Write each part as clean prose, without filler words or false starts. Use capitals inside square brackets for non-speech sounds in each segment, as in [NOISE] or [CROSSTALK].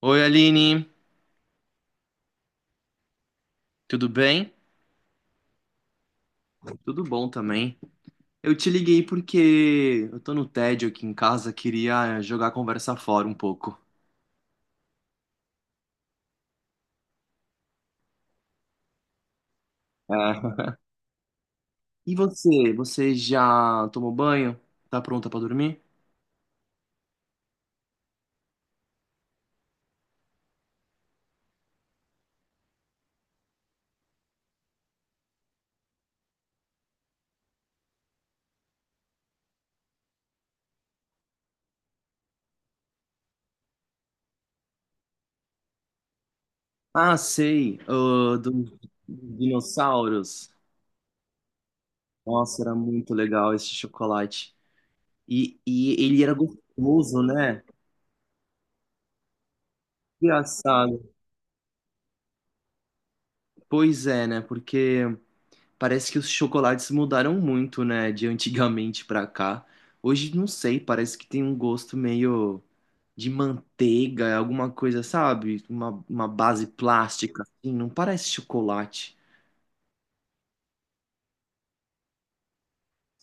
Oi, Aline, tudo bem? Tudo bom também. Eu te liguei porque eu tô no tédio aqui em casa, queria jogar a conversa fora um pouco. É. E você? Você já tomou banho? Tá pronta pra dormir? Ah, sei, ah, dos dinossauros. Nossa, era muito legal esse chocolate. E ele era gostoso, né? Engraçado. Pois é, né? Porque parece que os chocolates mudaram muito, né, de antigamente pra cá. Hoje, não sei, parece que tem um gosto meio de manteiga, alguma coisa, sabe? Uma base plástica, assim, não parece chocolate.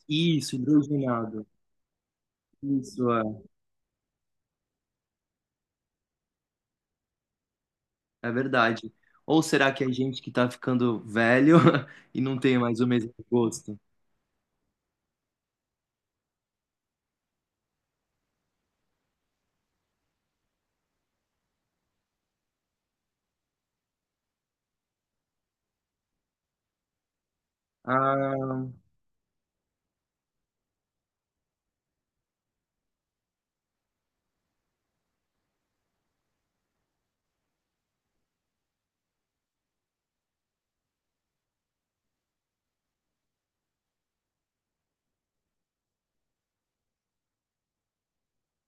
Isso, hidrogenado. Isso, é, é verdade. Ou será que é gente que tá ficando velho [LAUGHS] e não tem mais o mesmo gosto? Ah,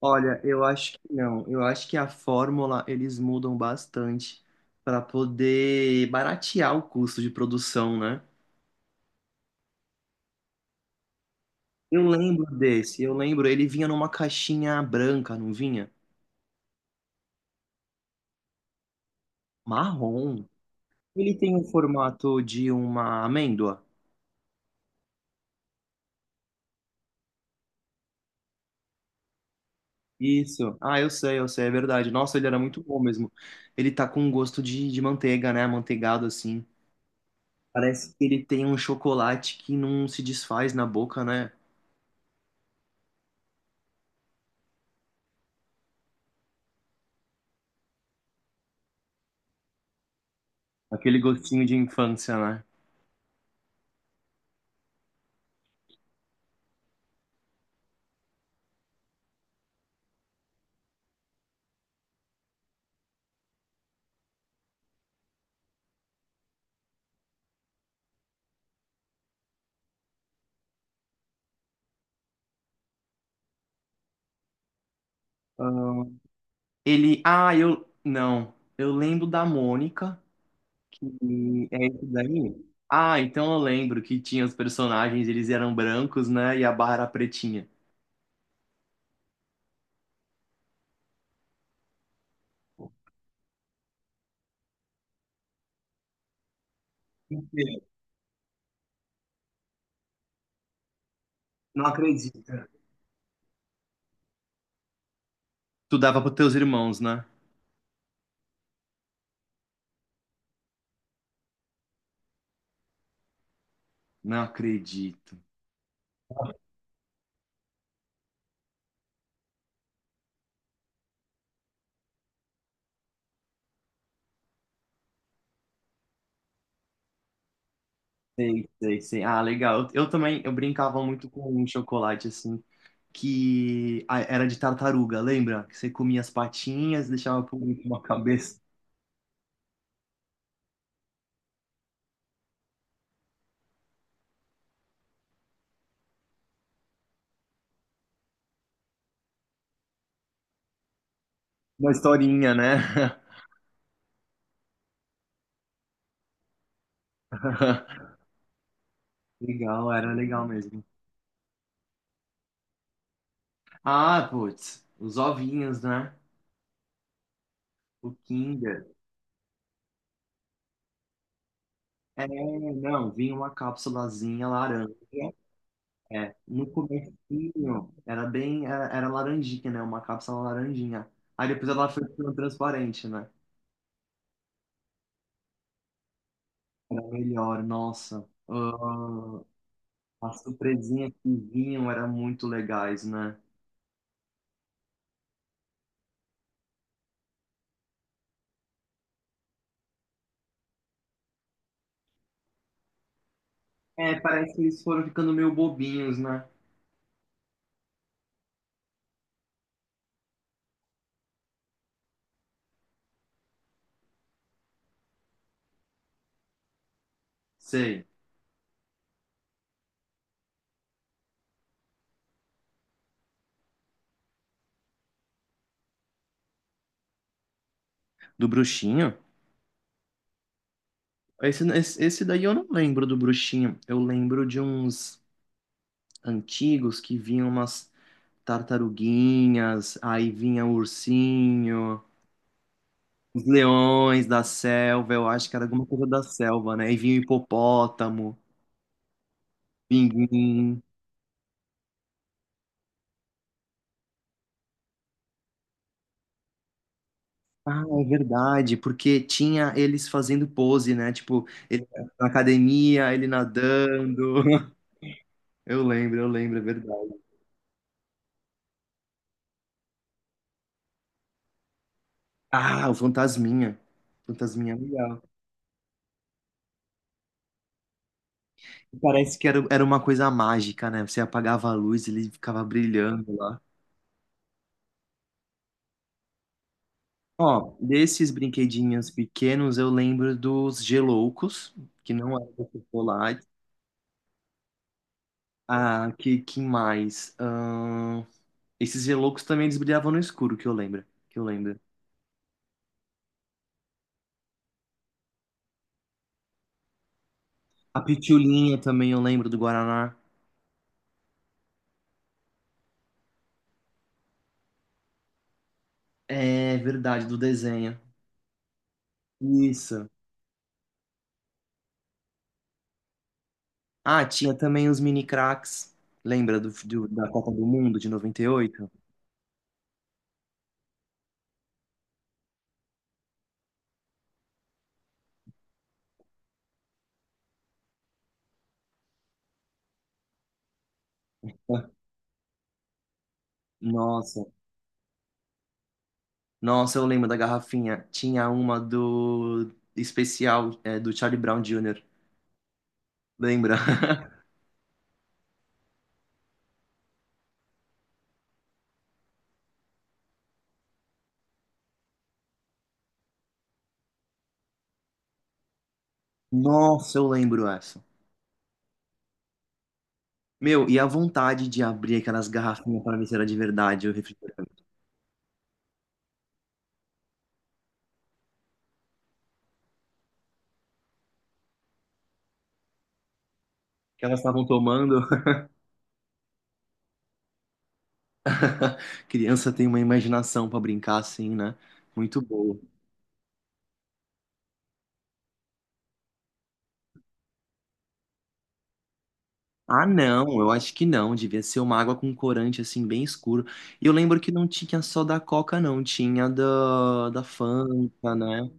olha, eu acho que não. Eu acho que a fórmula eles mudam bastante para poder baratear o custo de produção, né? Eu lembro desse, eu lembro, ele vinha numa caixinha branca, não vinha? Marrom. Ele tem o formato de uma amêndoa. Isso. Ah, eu sei, é verdade. Nossa, ele era muito bom mesmo. Ele tá com um gosto de manteiga, né? Amanteigado assim. Parece que ele tem um chocolate que não se desfaz na boca, né? Aquele gostinho de infância, né? Ele. Ah, eu. Não. Eu lembro da Mônica, que é esse daí. Ah, então eu lembro que tinha os personagens, eles eram brancos, né? E a barra era pretinha. Mentira, não acredito. Tu dava pros teus irmãos, né? Não acredito. Sei, sei, sei. Ah, legal. Eu também, eu brincava muito com um chocolate, assim, que ah, era de tartaruga, lembra? Que você comia as patinhas, deixava por último a cabeça. Uma historinha, né? [LAUGHS] Legal, era legal mesmo. Ah, putz, os ovinhos, né? O Kinder. É, não, vinha uma cápsulazinha laranja. É, no comecinho era bem, era, era laranjinha, né? Uma cápsula laranjinha. Aí depois ela foi ficando transparente, né? Era melhor, nossa. Ah, as surpresinhas que vinham eram muito legais, né? É, parece que eles foram ficando meio bobinhos, né? Sei. Do bruxinho? Esse daí eu não lembro do bruxinho. Eu lembro de uns antigos que vinham umas tartaruguinhas, aí vinha o ursinho, os leões da selva, eu acho que era alguma coisa da selva, né? E vinha o hipopótamo, pinguim. Ah, é verdade, porque tinha eles fazendo pose, né? Tipo, ele na academia, ele nadando. [LAUGHS] Eu lembro, é verdade. Ah, o Fantasminha. Fantasminha é legal. Parece que era, era uma coisa mágica, né? Você apagava a luz, ele ficava brilhando lá. Ó, desses brinquedinhos pequenos, eu lembro dos geloucos, que não eram chocolates. Ah, que mais? Esses geloucos também eles brilhavam no escuro, que eu lembro. Que eu lembro. A pitulinha também eu lembro do Guaraná. É verdade, do desenho. Isso. Ah, tinha também os mini cracks. Lembra do, do- da Copa do Mundo de 98. Nossa. Nossa, eu lembro da garrafinha. Tinha uma do especial, é, do Charlie Brown Jr. Lembra? [LAUGHS] Nossa, eu lembro essa. Meu, e a vontade de abrir aquelas garrafinhas para ver se era de verdade o refrigerante. Que elas estavam tomando. [LAUGHS] Criança tem uma imaginação para brincar assim, né? Muito boa. Ah, não, eu acho que não. Devia ser uma água com corante assim, bem escuro. E eu lembro que não tinha só da Coca, não. Tinha da, da Fanta, né?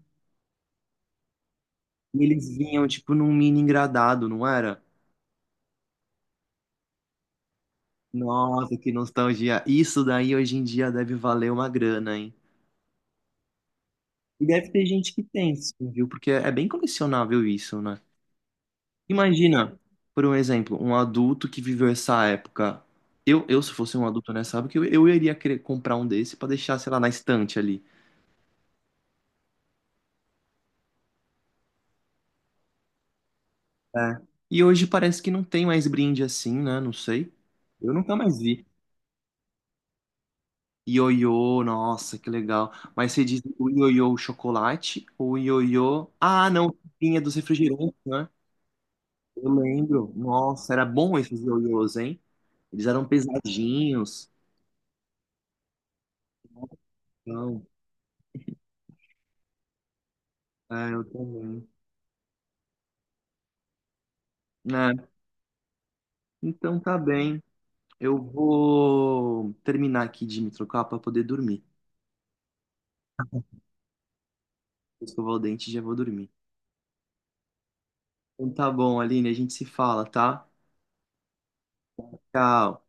E eles vinham, tipo, num mini engradado, não era? Nossa, que nostalgia. Isso daí hoje em dia deve valer uma grana, hein? E deve ter gente que tem, sim, viu? Porque é bem colecionável isso, né? Imagina, por um exemplo, um adulto que viveu essa época. Eu se fosse um adulto nessa época, eu iria querer comprar um desse pra deixar, sei lá, na estante ali. É. E hoje parece que não tem mais brinde assim, né? Não sei. Eu nunca mais vi. Ioiô, nossa, que legal. Mas você diz o ioiô chocolate ou o ioiô... Ah, não, vinha dos refrigerantes, né? Eu lembro. Nossa, era bom esses ioiôs, hein? Eles eram pesadinhos. Então, é, eu também. É, então tá bem. Eu vou terminar aqui de me trocar pra poder dormir. Vou escovar o dente e já vou dormir. Então tá bom, Aline, a gente se fala, tá? Tchau.